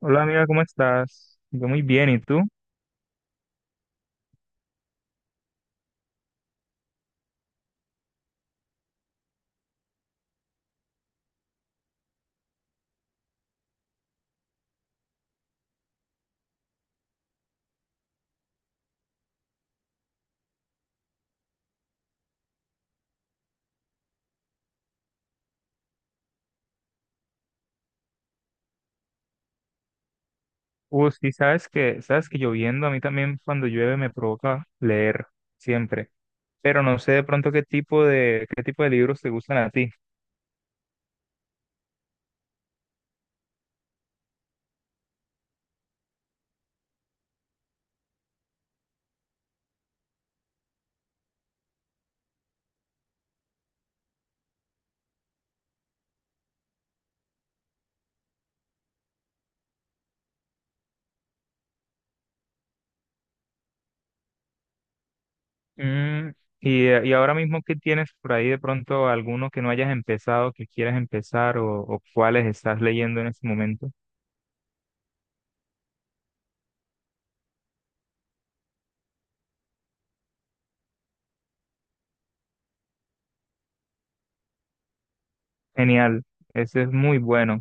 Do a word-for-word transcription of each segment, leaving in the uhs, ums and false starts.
Hola amiga, ¿cómo estás? Yo muy bien, ¿y tú? Uh, sí, sabes que, sabes que lloviendo, a mí también cuando llueve me provoca leer, siempre. Pero no sé de pronto qué tipo de, qué tipo de libros te gustan a ti. Mm, y, y ahora mismo, ¿qué tienes por ahí de pronto alguno que no hayas empezado, que quieras empezar o, o cuáles estás leyendo en este momento? Genial, ese es muy bueno.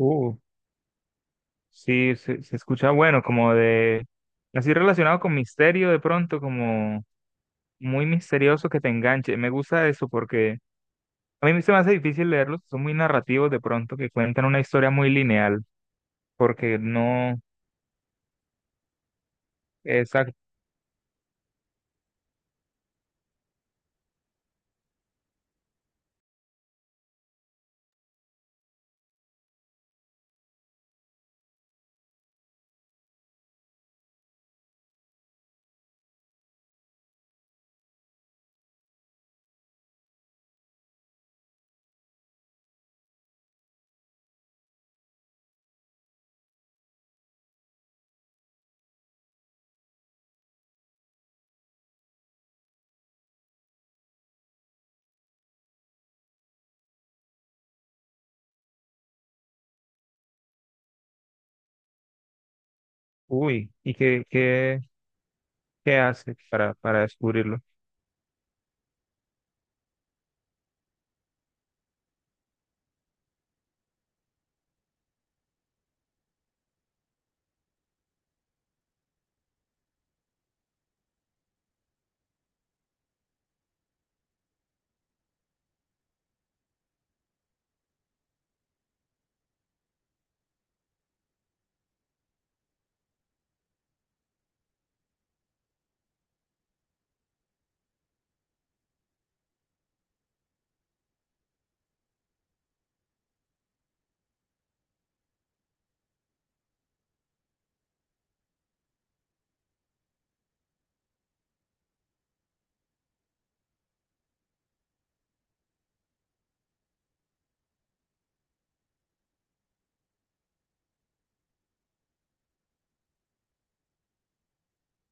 Uh, sí, se, se escucha bueno, como de, así relacionado con misterio de pronto, como muy misterioso que te enganche. Me gusta eso porque a mí se me hace difícil leerlos, son muy narrativos de pronto, que cuentan una historia muy lineal, porque no es... ac- Uy, ¿y qué, qué, qué hace para, para descubrirlo?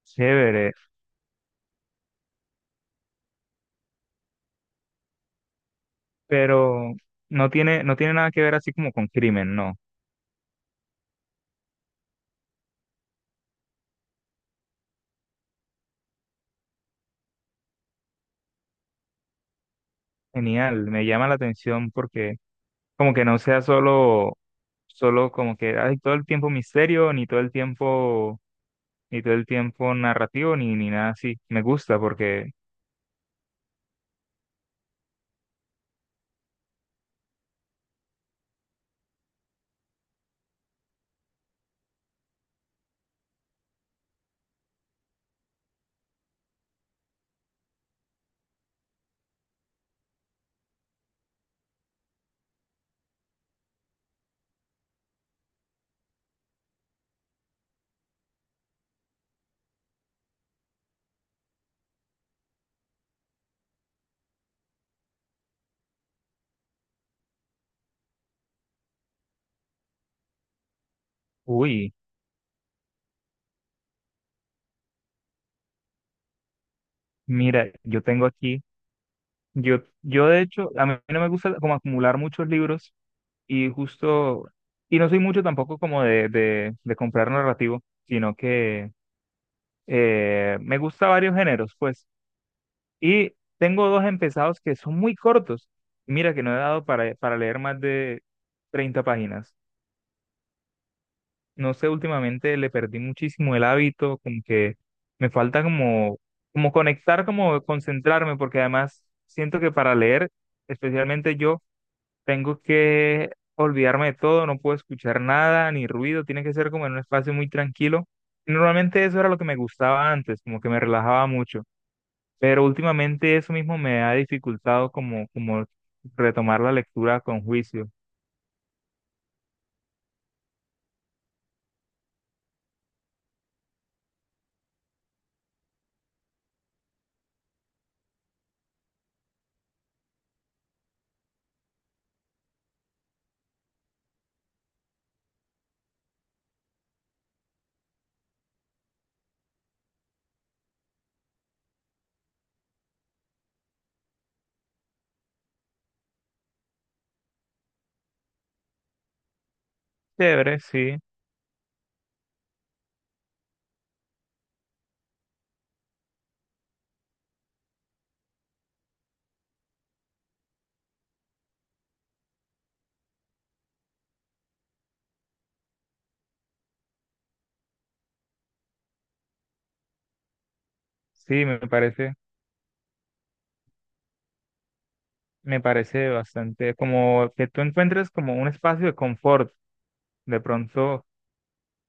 Chévere, pero no tiene, no tiene nada que ver así como con crimen, no. Genial, me llama la atención porque como que no sea solo, solo como que hay todo el tiempo misterio, ni todo el tiempo ni todo el tiempo narrativo ni, ni nada así. Me gusta porque uy, mira, yo tengo aquí, yo, yo de hecho, a mí no me gusta como acumular muchos libros y justo, y no soy mucho tampoco como de, de, de comprar narrativo, sino que eh, me gusta varios géneros, pues, y tengo dos empezados que son muy cortos. Mira que no he dado para, para leer más de treinta páginas. No sé, últimamente le perdí muchísimo el hábito, como que me falta como, como conectar, como concentrarme, porque además siento que para leer, especialmente yo, tengo que olvidarme de todo, no puedo escuchar nada, ni ruido, tiene que ser como en un espacio muy tranquilo. Y normalmente eso era lo que me gustaba antes, como que me relajaba mucho, pero últimamente eso mismo me ha dificultado como, como retomar la lectura con juicio. Chévere, sí, sí, me parece. Me parece bastante como que tú encuentres como un espacio de confort. De pronto,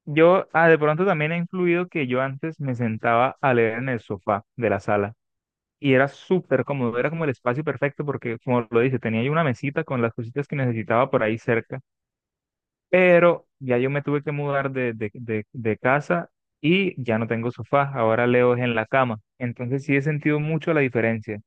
yo, ah, de pronto también ha influido que yo antes me sentaba a leer en el sofá de la sala y era súper cómodo, era como el espacio perfecto porque, como lo dice, tenía yo una mesita con las cositas que necesitaba por ahí cerca, pero ya yo me tuve que mudar de, de, de, de casa y ya no tengo sofá, ahora leo es en la cama. Entonces sí he sentido mucho la diferencia.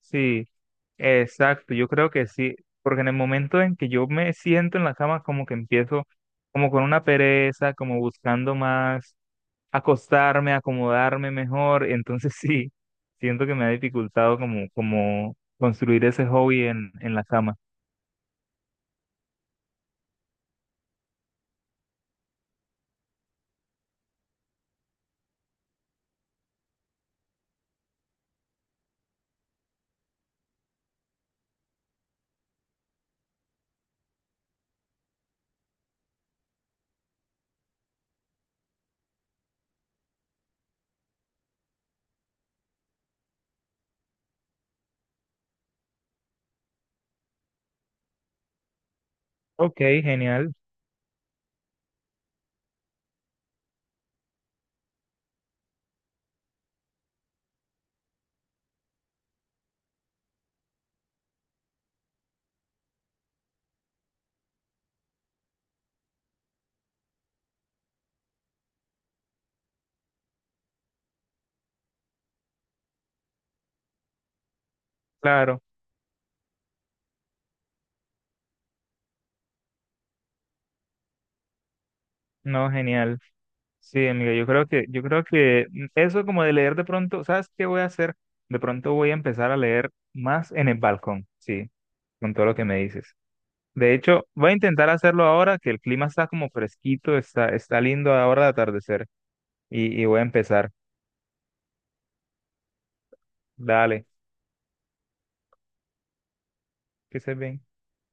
Sí, exacto, yo creo que sí, porque en el momento en que yo me siento en la cama, como que empiezo como con una pereza, como buscando más acostarme, acomodarme mejor, entonces sí, siento que me ha dificultado como, como construir ese hobby en, en la cama. Ok, genial, claro, no, genial. Sí, amiga, yo creo que, yo creo que eso como de leer de pronto, ¿sabes qué voy a hacer? De pronto voy a empezar a leer más en el balcón, sí, con todo lo que me dices. De hecho, voy a intentar hacerlo ahora que el clima está como fresquito, está, está lindo ahora de atardecer. Y, y voy a empezar. Dale, que se bien.